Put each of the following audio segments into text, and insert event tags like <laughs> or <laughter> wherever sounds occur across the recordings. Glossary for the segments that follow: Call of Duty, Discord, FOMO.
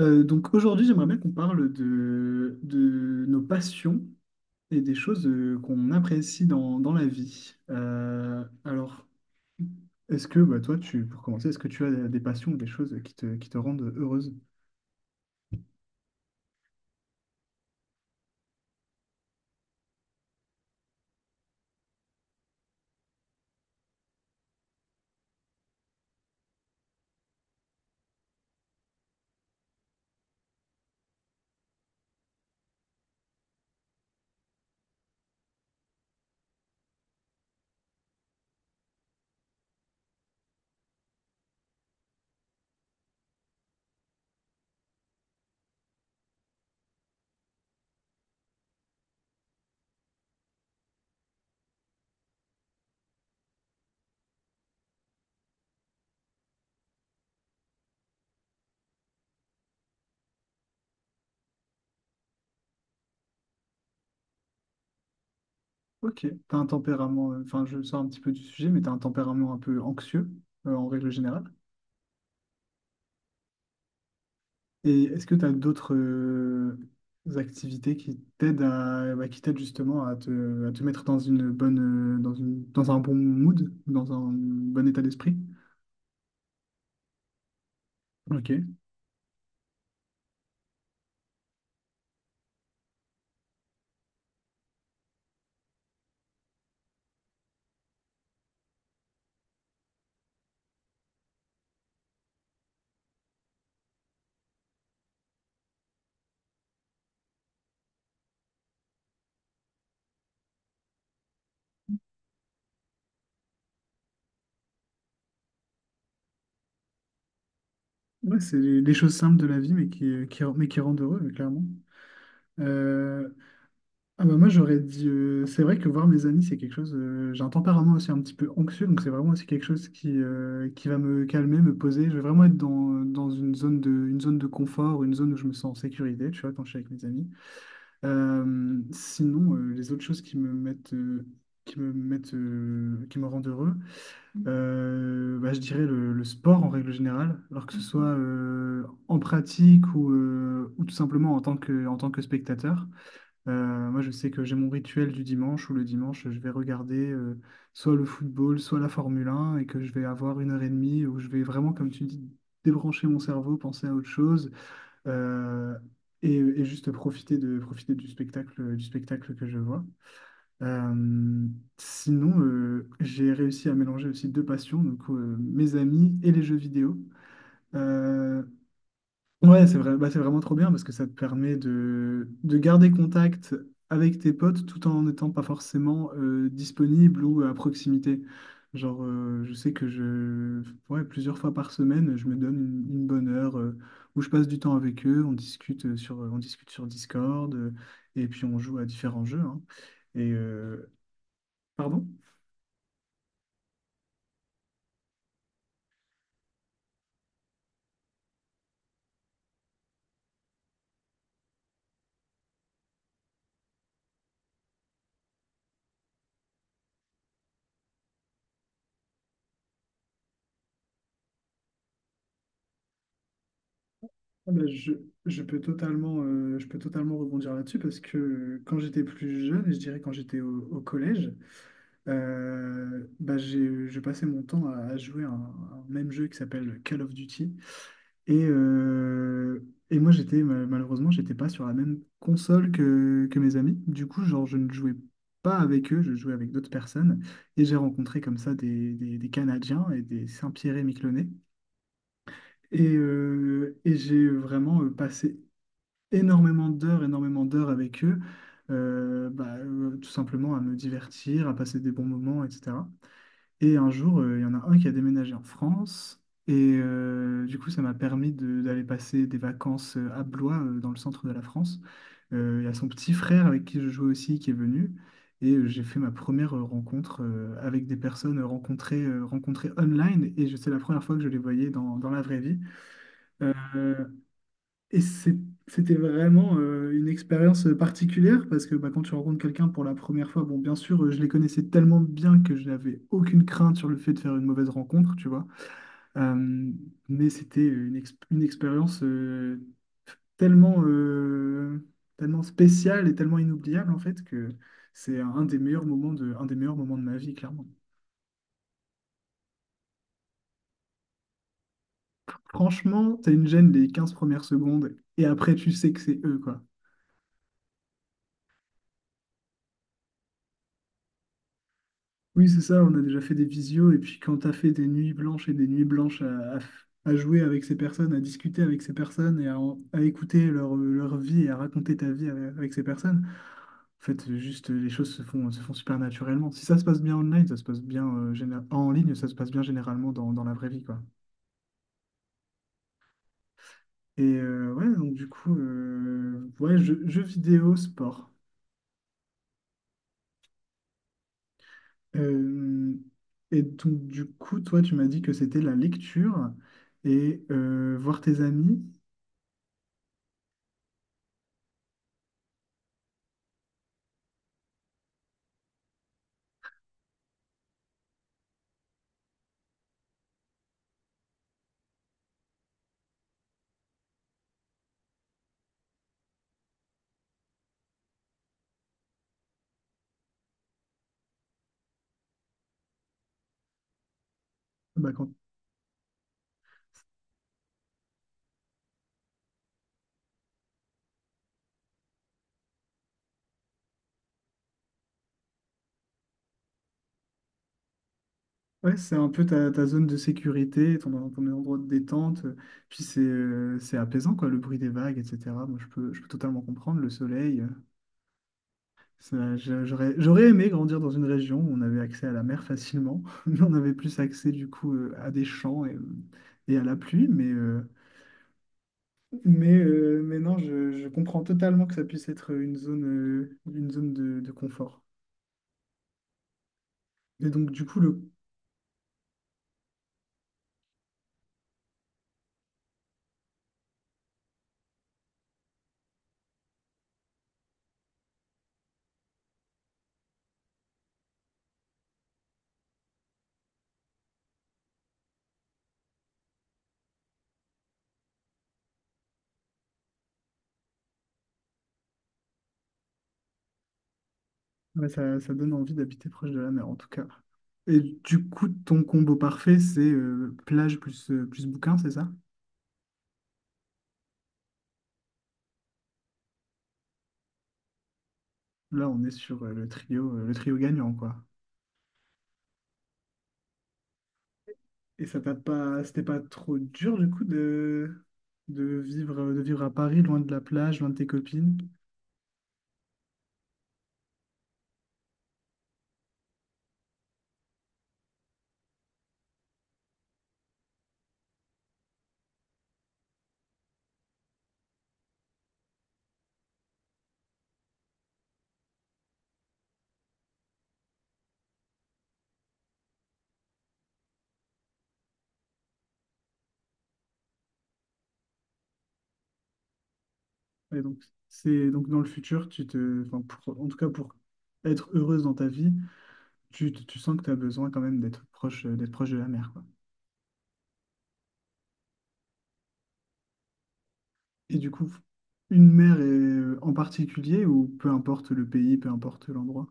Donc aujourd'hui, j'aimerais bien qu'on parle de nos passions et des choses qu'on apprécie dans la vie. Alors, est-ce que bah, toi, pour commencer, est-ce que tu as des passions ou des choses qui te rendent heureuse? Ok, t'as un tempérament, enfin je sors un petit peu du sujet, mais t'as un tempérament un peu anxieux en règle générale. Et est-ce que tu as d'autres activités qui t'aident à, bah, qui t'aident justement à te mettre dans une bonne, dans un bon mood, dans un bon état d'esprit? Ok. Ouais, c'est les choses simples de la vie, mais mais qui rendent heureux, clairement. Euh, ah bah moi, j'aurais dit, c'est vrai que voir mes amis, c'est quelque chose. J'ai un tempérament aussi un petit peu anxieux, donc c'est vraiment aussi quelque chose qui va me calmer, me poser. Je vais vraiment être dans une zone de confort, une zone où je me sens en sécurité, tu vois, quand je suis avec mes amis. Sinon, les autres choses qui me mettent, qui me rendent heureux, bah, je dirais le sport en règle générale, alors que ce soit Mhm. euh, en pratique ou tout simplement en tant que spectateur. Moi, je sais que j'ai mon rituel du dimanche où le dimanche, je vais regarder soit le football, soit la Formule 1 et que je vais avoir 1 heure et demie où je vais vraiment, comme tu dis, débrancher mon cerveau, penser à autre chose, euh, et juste profiter du spectacle que je vois. Euh, sinon, j'ai réussi à mélanger aussi deux passions, donc mes amis et les jeux vidéo. Euh, Ouais, c'est vrai, bah, c'est vraiment trop bien parce que ça te permet de garder contact avec tes potes tout en n'étant pas forcément disponible ou à proximité. Genre, je sais que je, ouais, plusieurs fois par semaine, je me donne une bonne heure où je passe du temps avec eux, on discute on discute sur Discord. Euh, et puis on joue à différents jeux, hein. et Pardon? Ah bah, je peux totalement rebondir là-dessus parce que quand j'étais plus jeune, et je dirais quand j'étais au collège, bah, j'ai passé mon temps à jouer à un même jeu qui s'appelle Call of Duty. Et, euh, et moi, j'étais malheureusement, j'étais pas sur la même console que mes amis. Du coup, genre, je ne jouais pas avec eux, je jouais avec d'autres personnes. Et j'ai rencontré comme ça des Canadiens et des Saint-Pierre-et-Miquelonais. Et j'ai vraiment passé énormément d'heures avec eux, tout simplement à me divertir, à passer des bons moments, etc. Et un jour, il y en a un qui a déménagé en France. Et du coup, ça m'a permis d'aller passer des vacances à Blois, dans le centre de la France. Il y a son petit frère avec qui je jouais aussi qui est venu. Et j'ai fait ma première rencontre avec des personnes rencontrées, rencontrées online. Et c'est la première fois que je les voyais dans la vraie vie. Euh, et c'est- C'était vraiment une expérience particulière parce que bah, quand tu rencontres quelqu'un pour la première fois, bon, bien sûr, je les connaissais tellement bien que je n'avais aucune crainte sur le fait de faire une mauvaise rencontre, tu vois. Euh, mais c'était une expérience tellement, euh, tellement spéciale et tellement inoubliable en fait que c'est un des meilleurs moments de ma vie, clairement. Franchement, t'as une gêne les 15 premières secondes et après, tu sais que c'est eux, quoi. Oui, c'est ça, on a déjà fait des visios, et puis quand t'as fait des nuits blanches et des nuits blanches à jouer avec ces personnes, à discuter avec ces personnes, et à écouter leur, leur vie et à raconter ta vie avec ces personnes, en fait, juste les choses se font super naturellement. Si ça se passe bien online, ça se passe bien en ligne, ça se passe bien généralement dans la vraie vie, quoi. Donc, jeux, jeux vidéo, sport. Euh, et donc, toi, tu m'as dit que c'était la lecture et voir tes amis. Bah, quand- Ouais, c'est un peu ta, ta zone de sécurité, ton, ton endroit de détente. Puis c'est apaisant, quoi, le bruit des vagues, etc. Moi, je peux totalement comprendre le soleil. J'aurais, j'aurais aimé grandir dans une région où on avait accès à la mer facilement. <laughs> Mais on avait plus accès, du coup, à des champs et à la pluie. Mais non, je comprends totalement que ça puisse être une zone de confort. Et donc, du coup, le Ouais, ça donne envie d'habiter proche de la mer, en tout cas. Et du coup, ton combo parfait, c'est plage plus, plus bouquin, c'est ça? Là, on est sur le trio gagnant, quoi. Et ça t'a pas, c'était pas trop dur, du coup, de vivre à Paris, loin de la plage, loin de tes copines. Et donc, donc, dans le futur, enfin, en tout cas, pour être heureuse dans ta vie, tu sens que tu as besoin quand même d'être proche de la mer, quoi. Et du coup, en particulier, ou peu importe le pays, peu importe l'endroit,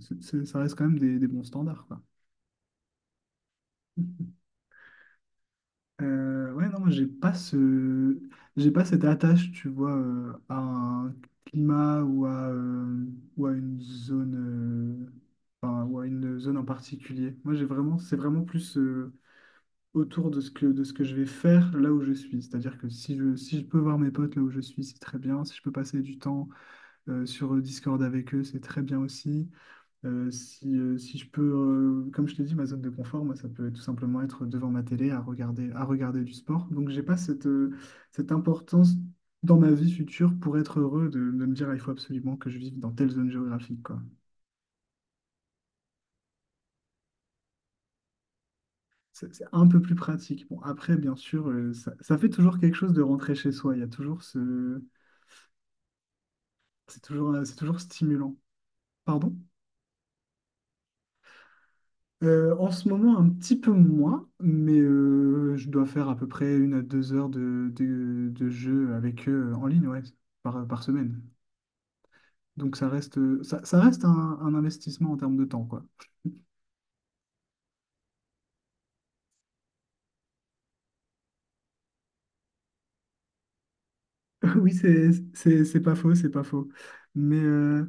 ça reste quand même des bons standards, quoi. <laughs> Ouais, non, moi, j'ai pas ce. J'ai pas cette attache, tu vois, à un climat ou à une zone, euh, enfin, ou à une zone en particulier. Moi, j'ai vraiment, c'est vraiment plus autour de ce que je vais faire là où je suis. C'est-à-dire que si je, si je peux voir mes potes là où je suis, c'est très bien. Si je peux passer du temps sur Discord avec eux, c'est très bien aussi. Si je peux, comme je t'ai dit, ma zone de confort, moi, ça peut tout simplement être devant ma télé à regarder du sport. Donc, j'ai pas cette, cette importance dans ma vie future pour être heureux de me dire, ah, il faut absolument que je vive dans telle zone géographique, quoi. C'est un peu plus pratique. Bon, après, bien sûr, ça, ça fait toujours quelque chose de rentrer chez soi. Il y a toujours ce. C'est toujours stimulant. Pardon? En ce moment, un petit peu moins, mais je dois faire à peu près 1 à 2 heures de jeu avec eux en ligne, ouais, par, par semaine. Donc ça reste, ça, ça reste un investissement en termes de temps, quoi. <laughs> Oui, c'est pas faux, c'est pas faux. Mais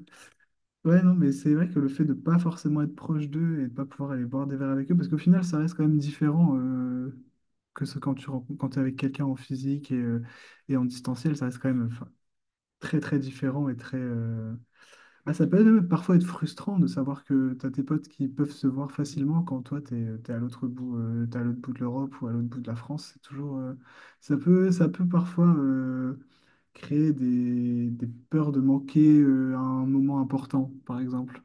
ouais, non, mais c'est vrai que le fait de pas forcément être proche d'eux et de pas pouvoir aller boire des verres avec eux, parce qu'au final, ça reste quand même différent que ce quand tu rencontres, quand t'es avec quelqu'un en physique et en distanciel, ça reste quand même, très très différent et très. Ah, ça peut même parfois être frustrant de savoir que tu as tes potes qui peuvent se voir facilement quand toi tu es, à l'autre bout, t'es à l'autre bout de l'Europe ou à l'autre bout de la France. C'est toujours, ça peut parfois créer des peurs de manquer un moment important, par exemple.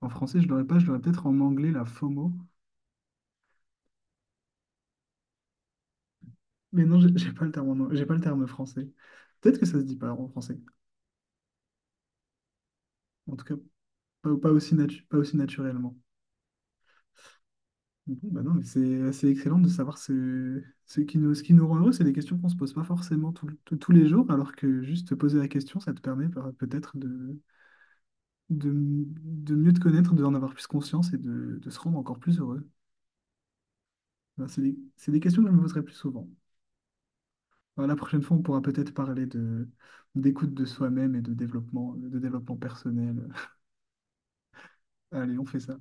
En français, je l'aurais pas, je l'aurais peut-être en anglais, la FOMO. Mais non, j'ai pas le terme, j'ai pas le terme français. Peut-être que ça se dit pas en français. En tout cas, pas, pas aussi, pas aussi naturellement. Bon, bah non, mais c'est excellent de savoir ce, ce qui nous rend heureux. C'est des questions qu'on se pose pas forcément tous les jours, alors que juste te poser la question, ça te permet peut-être de mieux te connaître, d'en avoir plus conscience et de se rendre encore plus heureux. Ben, c'est des questions que je me poserai plus souvent. Ben, la prochaine fois, on pourra peut-être parler de, d'écoute de soi-même et de développement personnel. <laughs> Allez, on fait ça.